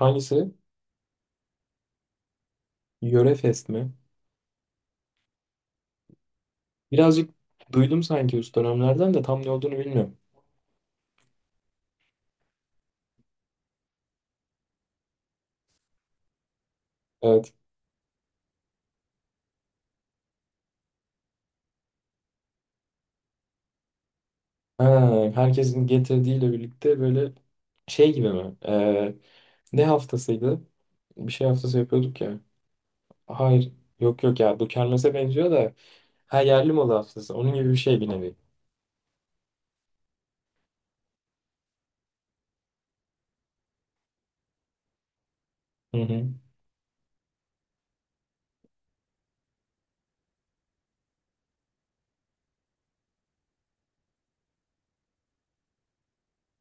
Hangisi? Yöre Fest mi? Birazcık duydum sanki üst dönemlerden de tam ne olduğunu bilmiyorum. Evet. Ha, herkesin getirdiğiyle birlikte böyle şey gibi mi? Ne haftasıydı? Bir şey haftası yapıyorduk ya. Hayır. Yok yok ya. Bu kermese benziyor da. Ha, yerli malı haftası. Onun gibi bir şey bir nevi. Hı hı.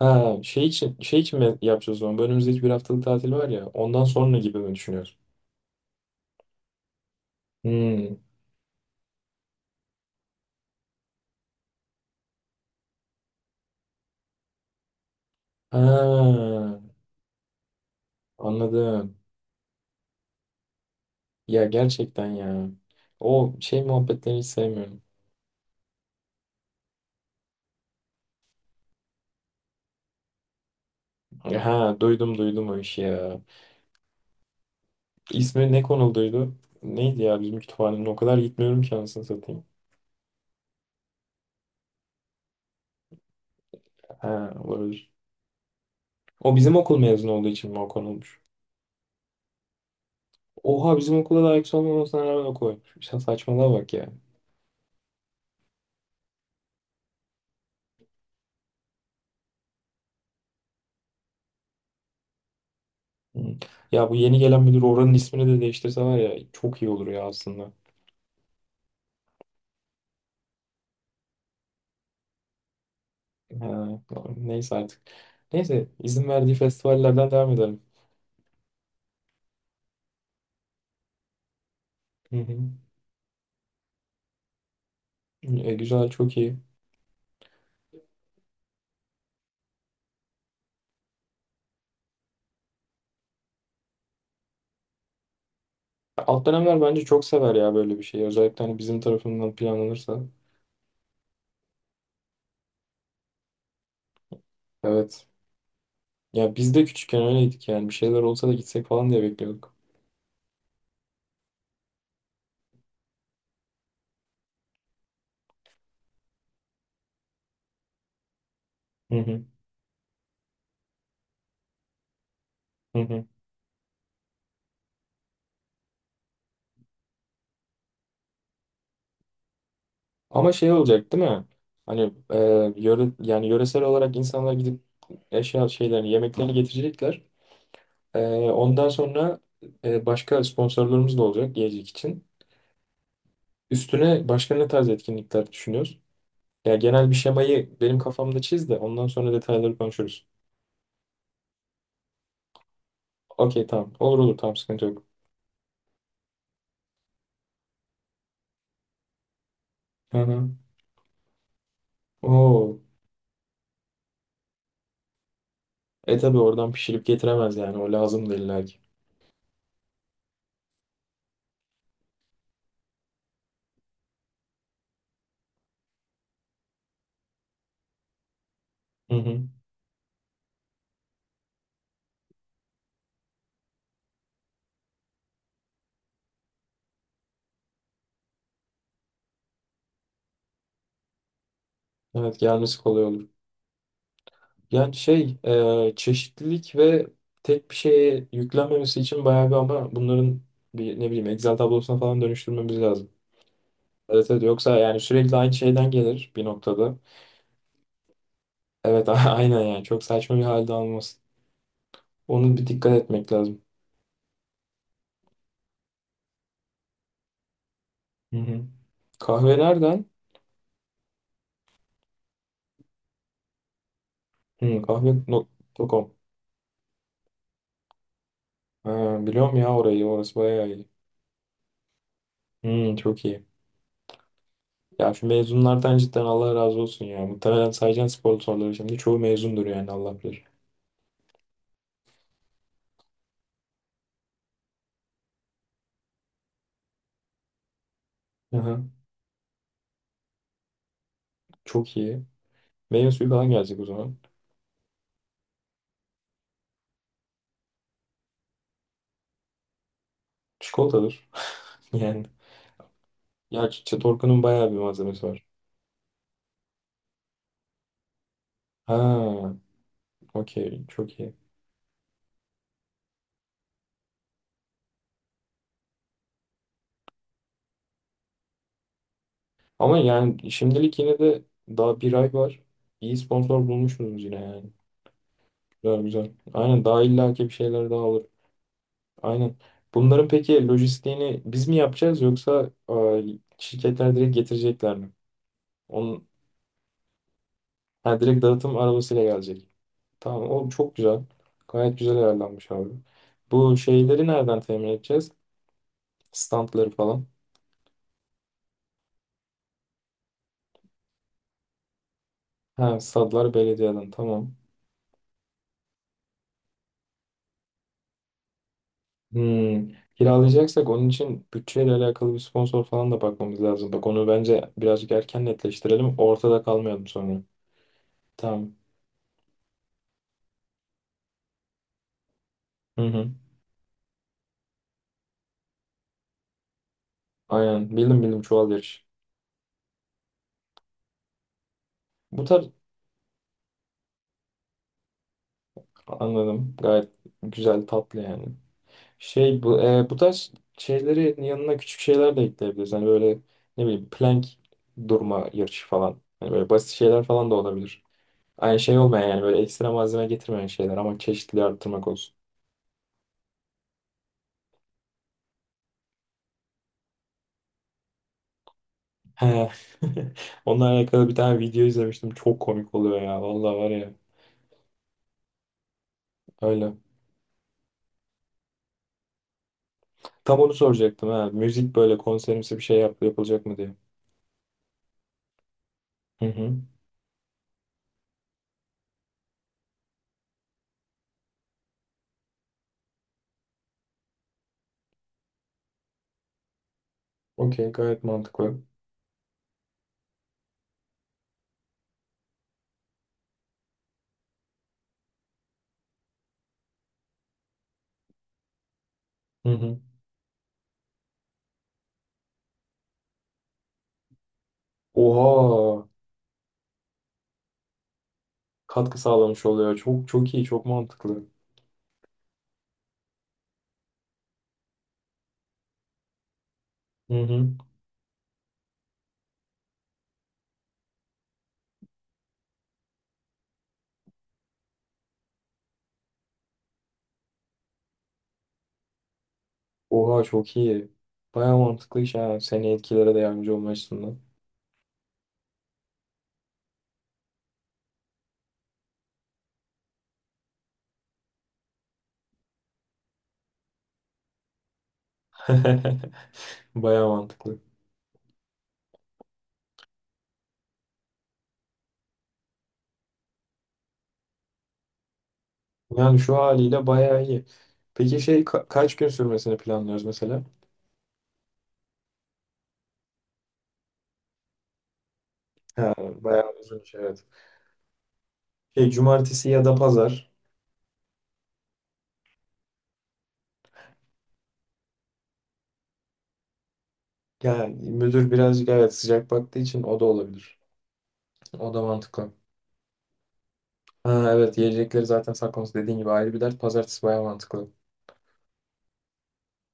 Ha, şey için şey için mi yapacağız o zaman? Bu önümüzdeki bir haftalık tatil var ya. Ondan sonra gibi mi düşünüyorsun? Hmm. Ha, anladım. Ya gerçekten ya. O şey muhabbetlerini hiç sevmiyorum. Ha, duydum duydum o işi ya. İsmi ne konulduydu? Neydi ya, bizim kütüphanenin o kadar gitmiyorum ki anasını satayım. Ha, olabilir. O bizim okul mezunu olduğu için mi o konulmuş? Oha, bizim okula da ayak olmamasına rağmen o koymuş. Saçmalığa bak ya. Hı. Ya, bu yeni gelen müdür oranın ismini de değiştirse var ya, çok iyi olur ya aslında. Ha, neyse artık. Neyse, izin verdiği festivallerden devam edelim. Hı hı. E, güzel, çok iyi. Alt dönemler bence çok sever ya böyle bir şeyi. Özellikle hani bizim tarafından planlanırsa. Evet. Ya biz de küçükken öyleydik yani. Bir şeyler olsa da gitsek falan diye bekliyorduk. Hı hı. Hı hı. Ama şey olacak değil mi? Hani yöre, yani yöresel olarak insanlar gidip eşya şeylerini, yemeklerini getirecekler. E, Ondan sonra başka sponsorlarımız da olacak yiyecek için. Üstüne başka ne tarz etkinlikler düşünüyoruz? Ya, genel bir şemayı benim kafamda çiz de ondan sonra detayları konuşuruz. Okey, tamam. Olur olur, tamam, sıkıntı yok. Hı hı. Oo. E tabii, oradan pişirip getiremez yani. O lazım da illa ki. Hı hı. Evet, gelmesi kolay olur. Yani şey, çeşitlilik ve tek bir şeye yüklenmemesi için bayağı bir, ama bunların bir ne bileyim Excel tablosuna falan dönüştürmemiz lazım. Evet evet, yoksa yani sürekli aynı şeyden gelir bir noktada. Evet, aynen, yani çok saçma bir halde almasın. Onu bir dikkat etmek lazım. Hı hı. Kahve nereden? Hı, kahve.com. Ha, biliyorum ya orayı, orası bayağı iyi. Hı, çok iyi. Ya şu mezunlardan cidden Allah razı olsun ya. Muhtemelen sayacağın sponsorları şimdi çoğu mezundur yani, Allah bilir. Aha, çok iyi. Meyve suyu falan gelecek o zaman. Çikolatadır. Yani. Ya, Çatorku'nun bayağı bir malzemesi var. Ha, okey. Çok iyi. Ama yani şimdilik yine de daha bir ay var. İyi sponsor bulmuşsunuz yine yani. Güzel güzel. Aynen, daha illaki bir şeyler daha olur. Aynen. Bunların peki lojistiğini biz mi yapacağız, yoksa şirketler direkt getirecekler mi? Onun, ha, direkt dağıtım arabasıyla gelecek. Tamam, o çok güzel. Gayet güzel ayarlanmış abi. Bu şeyleri nereden temin edeceğiz? Standları falan. Ha, stadlar belediyeden, tamam. Hmm. Kiralayacaksak onun için bütçeyle alakalı bir sponsor falan da bakmamız lazım. Bak, onu bence birazcık erken netleştirelim. Ortada kalmayalım sonra. Tamam. Hı hı. Aynen. Bildim bildim, çuval yarışı. Bu tarz, anladım. Gayet güzel, tatlı yani. Şey, bu bu tarz şeylerin yanına küçük şeyler de ekleyebiliriz. Hani böyle ne bileyim plank durma yarışı falan. Hani böyle basit şeyler falan da olabilir. Aynı şey olmayan yani, böyle ekstra malzeme getirmeyen şeyler, ama çeşitliliği arttırmak olsun. He. Onunla alakalı bir tane video izlemiştim. Çok komik oluyor ya. Vallahi var ya öyle. Tam onu soracaktım ha. Müzik böyle konserimsi bir şey yap, yapılacak mı diye. Hı hı. Okey, gayet mantıklı. Hı hı. Oha, katkı sağlamış oluyor. Çok çok iyi, çok mantıklı. Hı hı. Oha, çok iyi. Baya mantıklı iş ha. Seni etkilere de yardımcı olma açısından. Baya mantıklı. Yani şu haliyle baya iyi. Peki şey, kaç gün sürmesini planlıyoruz mesela? Ha, baya uzun iş, evet. Şey, cumartesi ya da pazar. Yani müdür birazcık evet sıcak baktığı için o da olabilir. O da mantıklı. Ha, evet, yiyecekleri zaten saklaması dediğin gibi ayrı bir dert. Pazartesi baya mantıklı.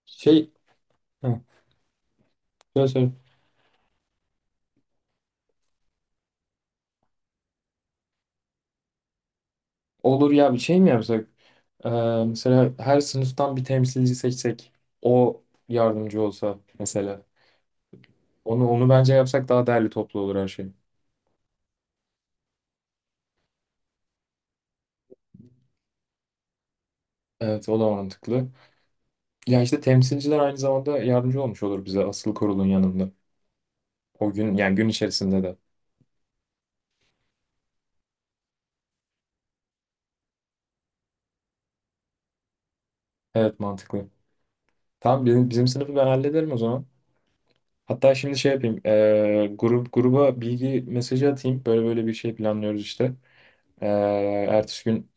Şey, hı. Söyle söyle. Olur ya, bir şey mi yapsak? Ee, Mesela her sınıftan bir temsilci seçsek. O yardımcı olsa mesela. Onu bence yapsak daha değerli, toplu olur her şey. Evet, o da mantıklı. Ya işte temsilciler aynı zamanda yardımcı olmuş olur bize, asıl kurulun yanında. O gün yani gün içerisinde de. Evet, mantıklı. Tamam, bizim sınıfı ben hallederim o zaman. Hatta şimdi şey yapayım. Grup gruba bilgi mesajı atayım. Böyle böyle bir şey planlıyoruz işte. Ee, Ertesi gün,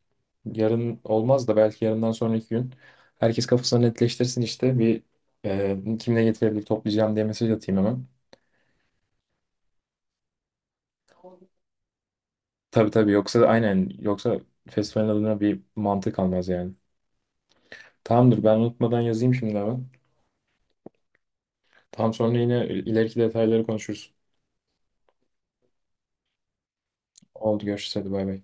yarın olmaz da belki yarından sonraki gün herkes kafasını netleştirsin işte bir kimle getirebilir toplayacağım diye mesaj atayım hemen. Tabii tabii, yoksa aynen, yoksa festivalin adına bir mantık almaz yani. Tamamdır, ben unutmadan yazayım şimdi hemen. Tam sonra yine ileriki detayları konuşuruz. Oldu, görüşürüz, hadi bay bay.